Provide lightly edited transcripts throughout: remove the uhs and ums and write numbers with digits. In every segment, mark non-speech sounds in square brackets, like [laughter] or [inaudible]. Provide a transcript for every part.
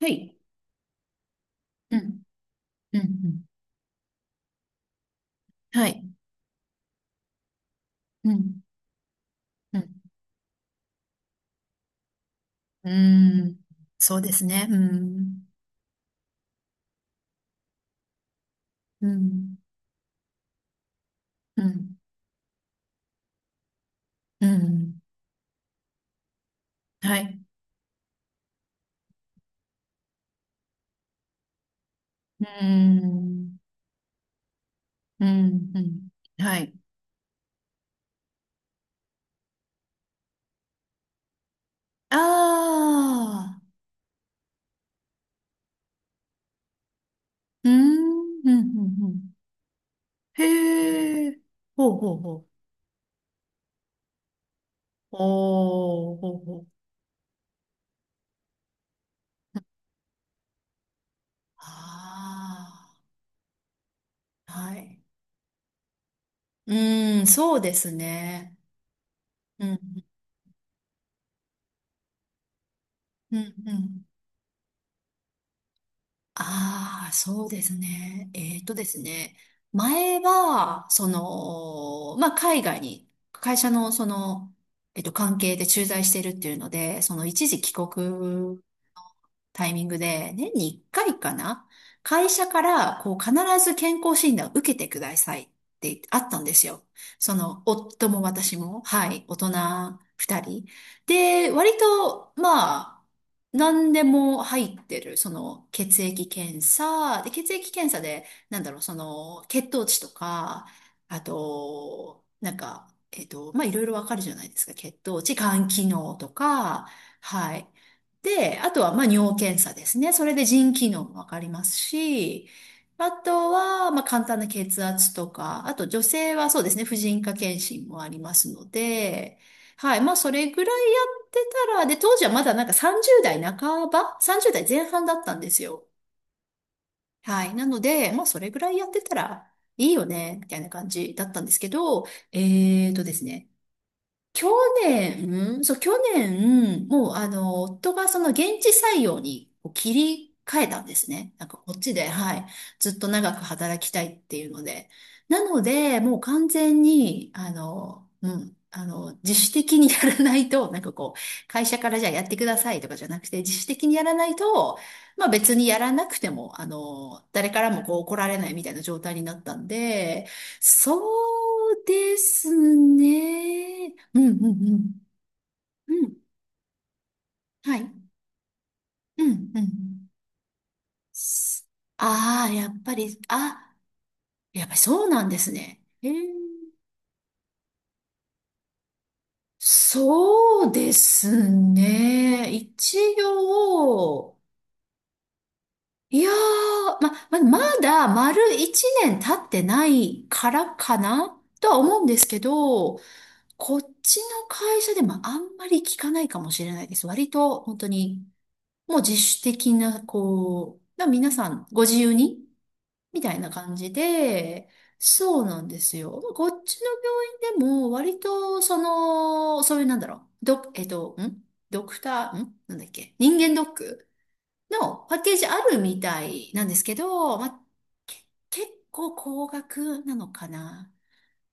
はい。うん、うん、うん、はい。うん、うん、うーん、そうですね。うん、うん、うん、うん、はい。うーん、うん、うん。はい。ああ、うーん、うん、うん、うん。へえ。ほうほうほう。おー、ほうほう。ああ、はい。うーん、そうですね。うん、うん、うん、ああ、そうですね。前は、その、まあ、海外に、会社のその、関係で駐在してるっていうので、その一時帰国タイミングで、年に1回かいかな、会社から、こう、必ず健康診断を受けてくださいってあったんですよ。その、夫も私も、はい、大人二人。で、割と、まあ、何でも入ってる、その、血液検査で、なんだろう、その、血糖値とか、あと、なんか、まあ、いろいろわかるじゃないですか。血糖値、肝機能とか、はい。で、あとは、まあ、尿検査ですね。それで腎機能もわかりますし、あとは、まあ、簡単な血圧とか、あと女性はそうですね、婦人科検診もありますので、はい、まあ、それぐらいやってたら、で、当時はまだなんか30代半ば ?30 代前半だったんですよ。はい。なので、まあ、それぐらいやってたらいいよね、みたいな感じだったんですけど、えーとですね、去年、去年、もう、あの、夫がその現地採用にこう切り替えたんですね。なんかこっちで、はい、ずっと長く働きたいっていうので。なので、もう完全に、あの、うん、あの、自主的にやらないと、なんかこう、会社からじゃあやってくださいとかじゃなくて、自主的にやらないと、まあ別にやらなくても、あの、誰からもこう怒られないみたいな状態になったんで、そうですね。うんうんうん。うん。はい。うんうん。ああー、やっぱり、あ、やっぱりそうなんですね。そうですね。一応、いやー、まだ丸一年経ってないからかなとは思うんですけど、こっちの会社でもあんまり聞かないかもしれないです。割と本当にもう自主的な、こう、だから皆さんご自由にみたいな感じで、そうなんですよ。こっちの病院でも割と、その、そういうなんだろう、ド、んドクター、んなんだっけ人間ドックのパッケージあるみたいなんですけど、まあ、け結構高額なのかな。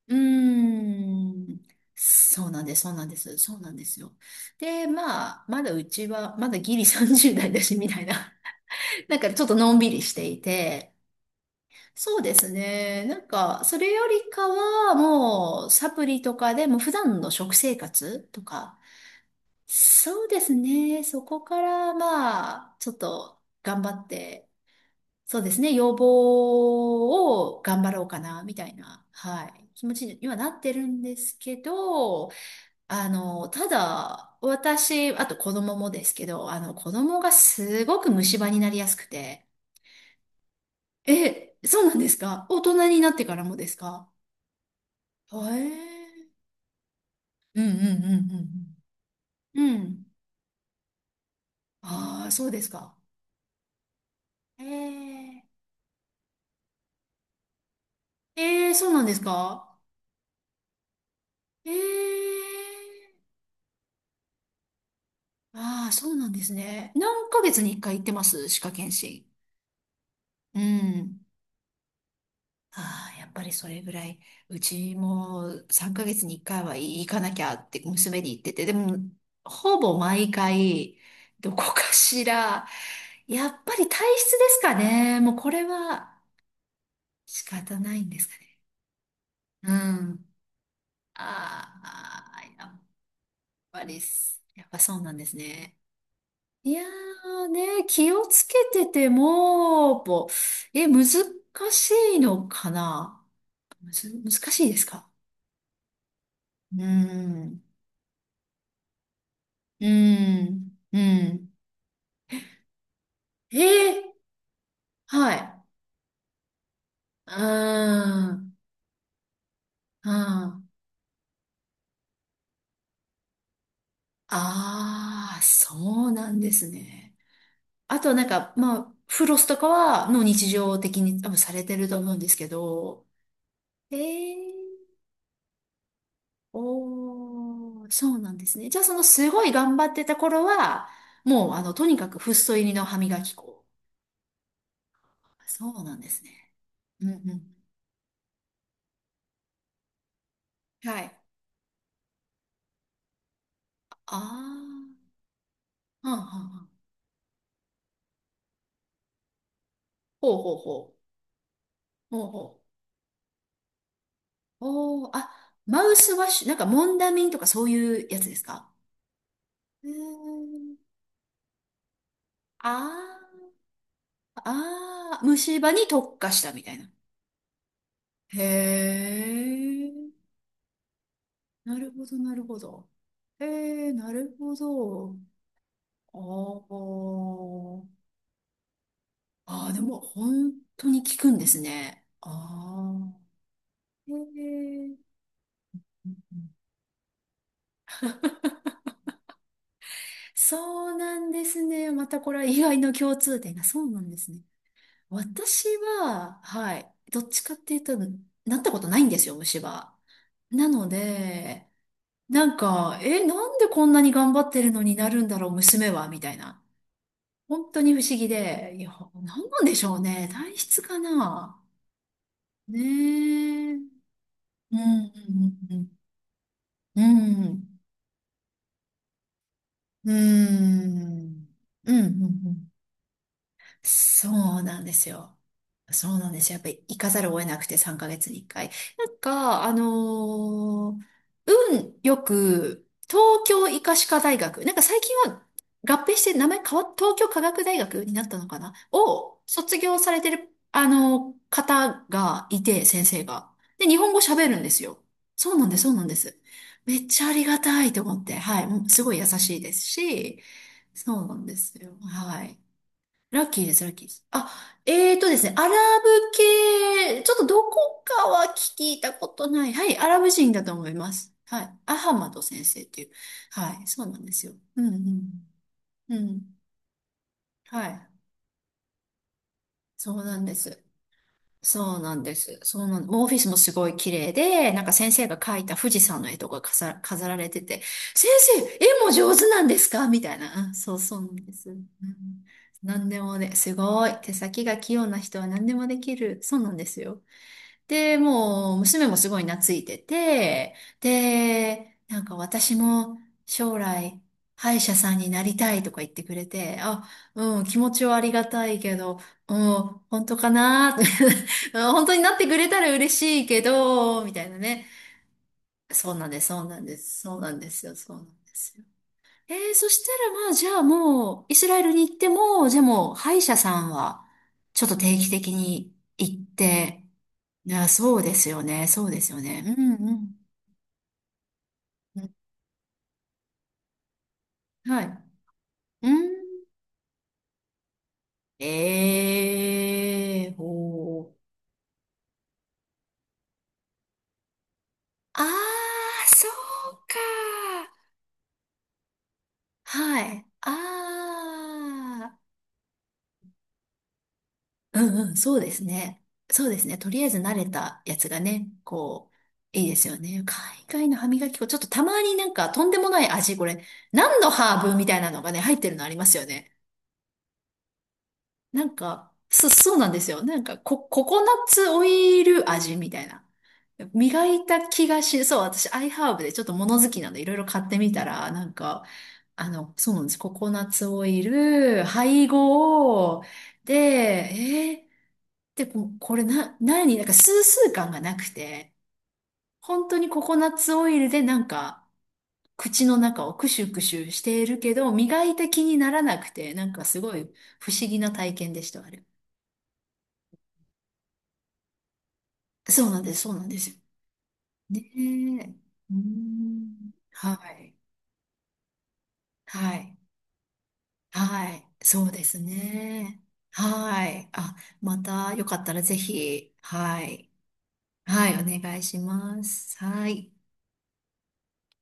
うーん。そうなんです、そうなんです、そうなんですよ。で、まあ、まだうちは、まだギリ30代だし、みたいな。なんかちょっとのんびりしていて、そうですね。なんか、それよりかは、もう、サプリとかでも普段の食生活とか、そうですね。そこから、まあ、ちょっと頑張って、そうですね。要望を頑張ろうかな、みたいな、はい、気持ちにはなってるんですけど、あの、ただ、私、あと子供もですけど、あの、子供がすごく虫歯になりやすくて、え、そうなんですか？大人になってからもですか？はえー。うんうんうんうんうん。うん。ああ、そうですか。ええ。ええ、そうなんですか？ええ。ああ、そうなんですね。何ヶ月に一回行ってます？歯科検診。うん。ああ、やっぱりそれぐらい、うちも3ヶ月に1回は行かなきゃって娘に言ってて、でも、ほぼ毎回、どこかしら、やっぱり体質ですかね。もうこれは仕方ないんですかね。うん。ああ、やっぱそうなんですね。いやーね、気をつけてても、難しいのかな？むず、難しいですか？うーん。うーん、うん。ええ、はい。うーん、うん。ああ、そうなんですね。あとなんか、まあ、フロスとかは、の日常的に多分されてると思うんですけど、ええ、おー、そうなんですね。じゃあそのすごい頑張ってた頃は、もうあの、とにかくフッ素入りの歯磨き粉。そうなんですね。うんうん。はい。ああ、はんはんはん。ほうほうほう。ほうほう。おー、あ、マウスワッシュ、なんかモンダミンとかそういうやつですか？うーん。ああああ、虫歯に特化したみたいな。へー。なるほど、なるほど。へー、なるほど。あー。ああ、でも本当に効くんですね。ああ、へえ、そうなんですね。またこれは意外の共通点が。そうなんですね。私は、はい、どっちかっていうと、なったことないんですよ、虫歯。なので、なんか、え、なんでこんなに頑張ってるのになるんだろう、娘は、みたいな。本当に不思議で、いや、なんなんでしょうね。体質かな。ねえ。うん、うん、うん、うん。うん、うん、うん、うん、うん、うん、そうなんですよ。そうなんですよ。やっぱり行かざるを得なくて3ヶ月に1回。なんか、運よく、東京医科歯科大学、なんか最近は合併して名前変わっ、東京科学大学になったのかな、を卒業されてる、方がいて、先生が。で、日本語喋るんですよ。そうなんです、そうなんです。めっちゃありがたいと思って。はい。もうすごい優しいですし、そうなんですよ。はい。ラッキーです、ラッキーです。あ、えーとですね、アラブ系、ちょっとどこかは聞いたことない。はい、アラブ人だと思います。はい。アハマド先生っていう。はい、そうなんですよ。うんうん。うん。はい。そうなんです。そうなんです。そうなん、もうオフィスもすごい綺麗で、なんか先生が描いた富士山の絵とか飾られてて、先生、絵も上手なんですか？みたいな。うん、そうそうなんです。うん、何でもね、すごい。手先が器用な人は何でもできる。そうなんですよ。で、もう、娘もすごい懐いてて、で、なんか私も将来、歯医者さんになりたいとか言ってくれて、あ、うん、気持ちはありがたいけど、うん、本当かな？ [laughs] うん、本当になってくれたら嬉しいけど、みたいなね。そうなんです、そうなんです、そうなんですよ、そうなんですよ。そしたらまあ、じゃあもう、イスラエルに行っても、じゃあもう、歯医者さんは、ちょっと定期的に行って、いや、そうですよね。そうですよね。うんうん。うん、はい。うん。ええーほう。ああ、そうか。はい。ああ。うんうん、そうですね。そうですね。とりあえず慣れたやつがね、こう、いいですよね。海外の歯磨き粉、ちょっとたまになんかとんでもない味、これ、何のハーブみたいなのがね、入ってるのありますよね。なんか、そうなんですよ。なんか、コココナッツオイル味みたいな。磨いた気がし、そう、私、アイハーブでちょっと物好きなんで、いろいろ買ってみたら、なんか、あの、そうなんです。ココナッツオイル、配合、で、で、ここれな、何なんか、スースー感がなくて、本当にココナッツオイルで、なんか、口の中をクシュクシュしているけど、磨いた気にならなくて、なんかすごい不思議な体験でした、あれ。そうなんです、そうなんですよ。ねえ。うーん。はい。はい。はい。そうですね。はい。あ、またよかったらぜひ、はい。はい、お願いします。はい。